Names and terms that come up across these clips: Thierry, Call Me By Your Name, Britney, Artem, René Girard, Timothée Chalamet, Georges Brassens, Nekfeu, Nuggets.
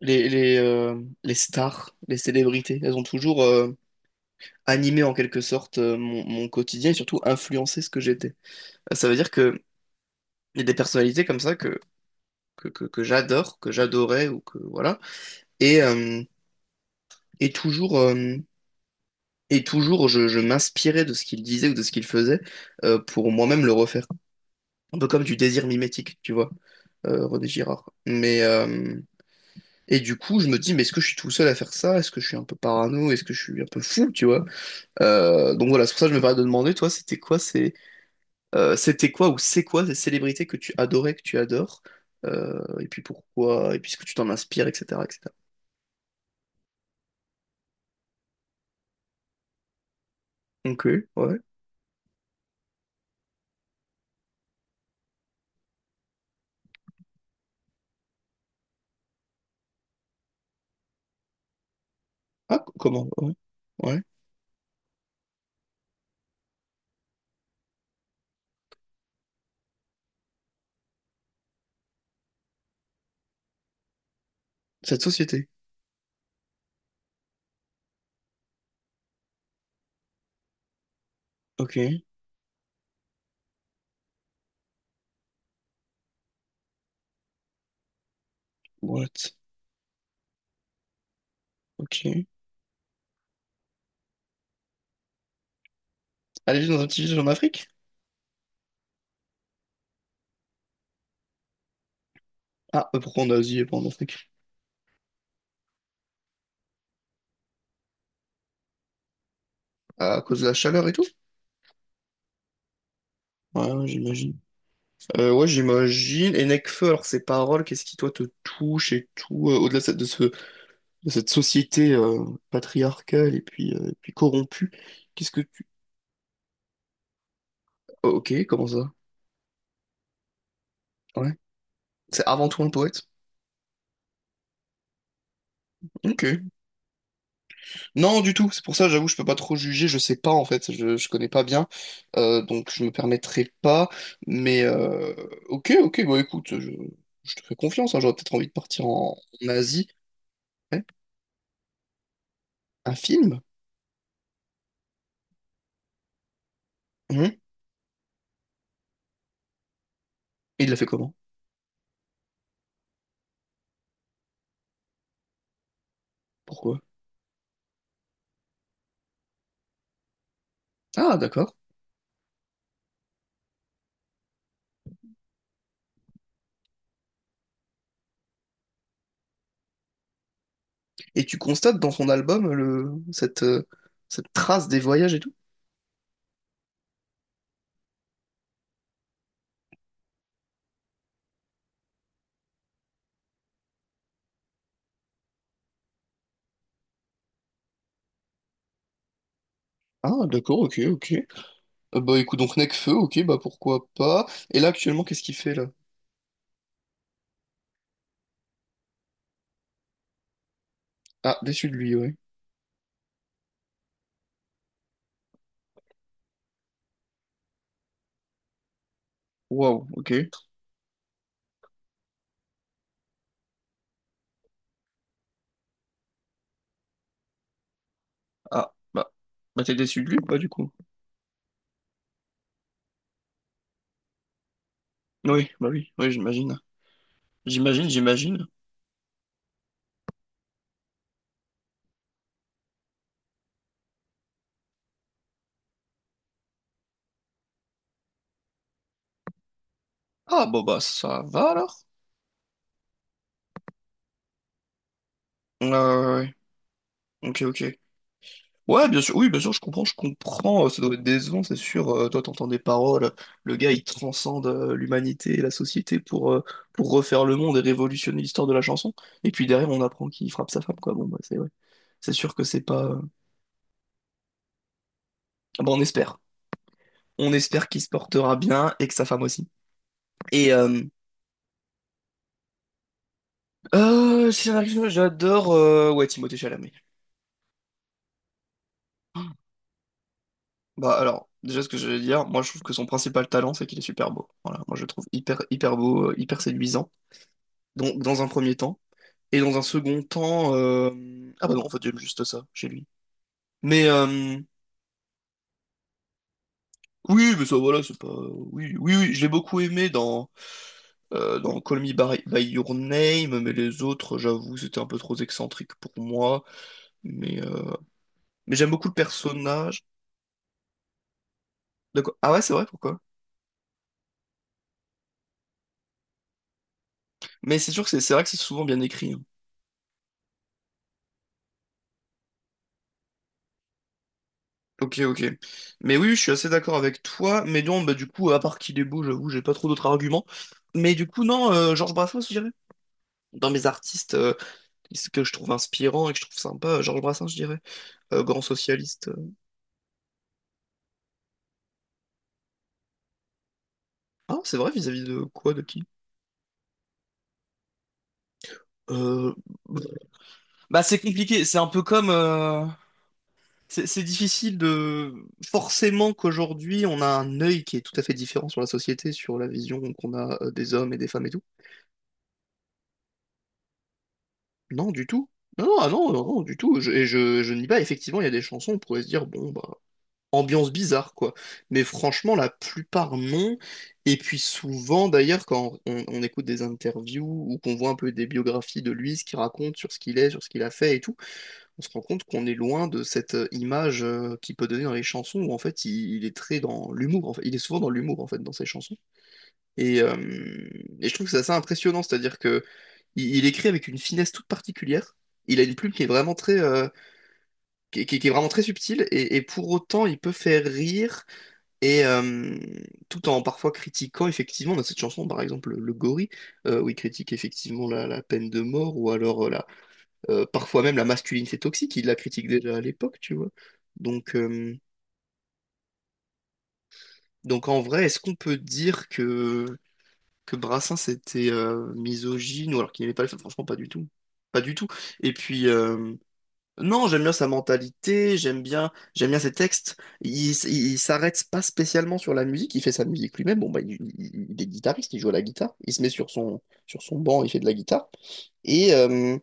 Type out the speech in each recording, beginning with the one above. Les stars, les célébrités, elles ont toujours animé en quelque sorte mon quotidien et surtout influencé ce que j'étais. Ça veut dire que il y a des personnalités comme ça que j'adore, que j'adorais ou que voilà. Et, euh, et toujours, euh, et toujours je m'inspirais de ce qu'ils disaient ou de ce qu'ils faisaient pour moi-même le refaire. Un peu comme du désir mimétique, tu vois, René Girard. Et du coup, je me dis, mais est-ce que je suis tout seul à faire ça? Est-ce que je suis un peu parano? Est-ce que je suis un peu fou, tu vois? Donc voilà, c'est pour ça que je me permets de demander, toi, c'était quoi ou c'est quoi ces célébrités que tu adorais, que tu adores, et puis pourquoi, et puis ce que tu t'en inspires, etc., etc. Ok, ouais. Ah, comment? Ouais. Ouais. Cette société. Ok. What? Ok. Elle est juste dans un petit village en Afrique? Ah, pourquoi en Asie et pas en Afrique? À cause de la chaleur et tout? Ouais, ouais, j'imagine. Ouais, j'imagine. Et Nekfeu, alors ses paroles, qu'est-ce qui toi te touche et tout, au-delà de cette société patriarcale et puis corrompue. Qu'est-ce que tu... Oh, ok, comment ça? Ouais. C'est avant tout un poète? Ok. Non, du tout. C'est pour ça, j'avoue, je peux pas trop juger. Je sais pas, en fait. Je connais pas bien. Donc, je me permettrai pas. Mais, euh, ok, ok. Bon, écoute, je te fais confiance. Hein. J'aurais peut-être envie de partir en Asie. Ouais. Un film? Mhm. Et il l'a fait comment? Pourquoi? Ah, d'accord. Et tu constates dans son album cette, cette trace des voyages et tout? Ah, d'accord, ok, ok. Bah écoute, donc Nekfeu, ok, bah pourquoi pas. Et là actuellement, qu'est-ce qu'il fait là? Ah, déçu de lui, ouais. Waouh, ok. Ah, bah, bah t'es déçu de lui ou pas du coup? Oui, bah oui, oui, j'imagine. J'imagine, j'imagine. Ah, bah bah ça va alors? Ouais, ouais, ouais. Ok, ok. Ouais, bien sûr, oui, bien sûr, je comprends, je comprends. Ça doit être décevant, c'est sûr. Toi, t'entends des paroles. Le gars, il transcende l'humanité et la société pour refaire le monde et révolutionner l'histoire de la chanson. Et puis derrière, on apprend qu'il frappe sa femme, quoi. Bon, bah c'est ouais. C'est sûr que c'est pas. Bon, on espère. On espère qu'il se portera bien et que sa femme aussi. Et euh, Si j'en ai une, j'adore ouais, Timothée Chalamet. Bah alors, déjà ce que je vais dire, moi je trouve que son principal talent c'est qu'il est super beau. Voilà, moi je le trouve hyper hyper beau, hyper séduisant. Donc dans un premier temps et dans un second temps, ah bah non en fait j'aime juste ça chez lui. Mais euh, oui, mais ça voilà, c'est pas oui oui oui, je l'ai beaucoup aimé dans dans By Your Name, mais les autres, j'avoue, c'était un peu trop excentrique pour moi. Mais, euh, mais j'aime beaucoup le personnage. D'accord. Ah ouais, c'est vrai, pourquoi? Mais c'est sûr que c'est vrai que c'est souvent bien écrit. Hein. Ok, ok. Mais oui, oui, je suis assez d'accord avec toi. Mais non, bah du coup, à part qu'il est beau, j'avoue, j'ai pas trop d'autres arguments. Mais du coup, non, Georges Brassens, je dirais. Dans mes artistes ce que je trouve inspirant et que je trouve sympa, Georges Brassens, je dirais. Grand socialiste. Ah, c'est vrai, vis-à-vis de quoi, de qui? Euh, Bah c'est compliqué, c'est un peu comme... c'est difficile de... Forcément qu'aujourd'hui, on a un œil qui est tout à fait différent sur la société, sur la vision qu'on a des hommes et des femmes et tout. Non, du tout. Non, non, ah non, non, non, du tout. Je nie pas, effectivement, il y a des chansons, on pourrait se dire, bon, bah, ambiance bizarre, quoi. Mais franchement, la plupart, non. Et puis souvent, d'ailleurs, quand on écoute des interviews ou qu'on voit un peu des biographies de lui, ce qu'il raconte sur ce qu'il est, sur ce qu'il a fait et tout, on se rend compte qu'on est loin de cette image qu'il peut donner dans les chansons où en fait il est très dans l'humour. En fait. Il est souvent dans l'humour en fait dans ses chansons. Et, euh, et je trouve que c'est assez impressionnant, c'est-à-dire que il écrit avec une finesse toute particulière. Il a une plume qui est vraiment très, qui est vraiment très subtile et pour autant il peut faire rire et tout en parfois critiquant effectivement dans cette chanson par exemple le gorille où il critique effectivement la peine de mort ou alors la parfois même la masculinité toxique, il la critique déjà à l'époque, tu vois. Donc, euh, donc en vrai, est-ce qu'on peut dire que Brassens était misogyne ou alors qu'il n'aimait pas les femmes? Franchement, pas du tout. Pas du tout. Et puis, euh, non, j'aime bien sa mentalité, j'aime bien ses textes. Il s'arrête pas spécialement sur la musique, il fait sa musique lui-même. Bon, bah, il est guitariste, il joue à la guitare, il se met sur son banc, il fait de la guitare. Et, euh,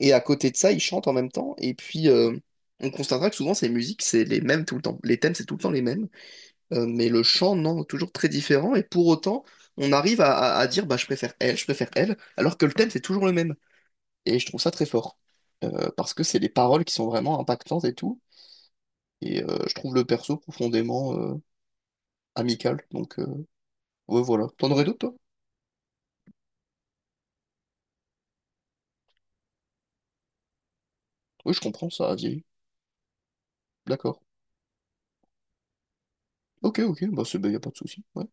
Et à côté de ça, ils chantent en même temps. On constatera que souvent, ces musiques, c'est les mêmes tout le temps. Les thèmes, c'est tout le temps les mêmes. Mais le chant, non, toujours très différent. Et pour autant, on arrive à dire, bah, je préfère elle, alors que le thème, c'est toujours le même. Et je trouve ça très fort. Parce que c'est les paroles qui sont vraiment impactantes et tout. Et je trouve le perso profondément amical. Ouais, voilà. T'en aurais d'autres, toi? Oui, je comprends, ça a vieilli. D'accord. Ok, ok, bah, c'est, bah, y a pas de souci. Ouais.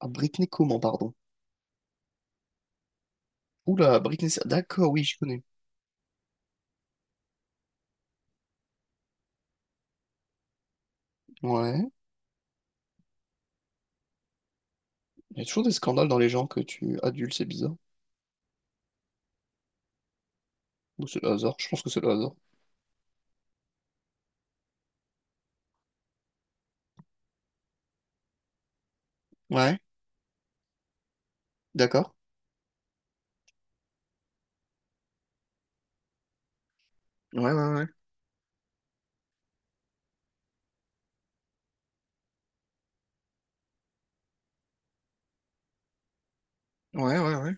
Ah, Britney comment, pardon? Oula, Britney, d'accord, oui, je connais. Ouais. Il y a toujours des scandales dans les gens que tu adules, c'est bizarre. Ou c'est le hasard. Je pense que c'est le hasard. Ouais, d'accord. Ouais, ouais, ouais. Ouais, ouais, ouais.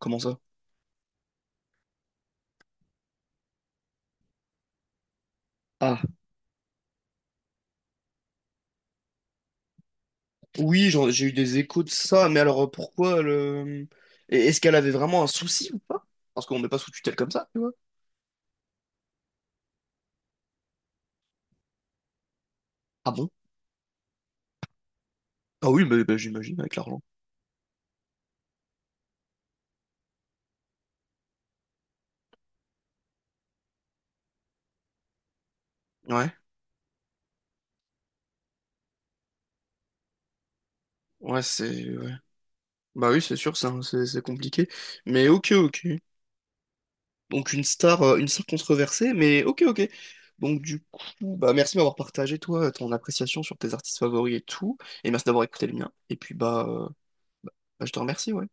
Comment ça? Ah, oui, j'ai eu des échos de ça, mais alors pourquoi le... Et est-ce qu'elle avait vraiment un souci ou pas? Parce qu'on met pas sous tutelle comme ça, tu vois. Ah bon? Ah oui, mais bah, j'imagine avec l'argent. Ouais, ouais, c'est... ouais. Bah oui, c'est sûr, c'est compliqué. Mais ok, ok. Donc une star controversée, mais ok, ok. Donc du coup, bah merci de m'avoir partagé toi ton appréciation sur tes artistes favoris et tout, et merci d'avoir écouté le mien. Et puis bah, bah, je te remercie, ouais.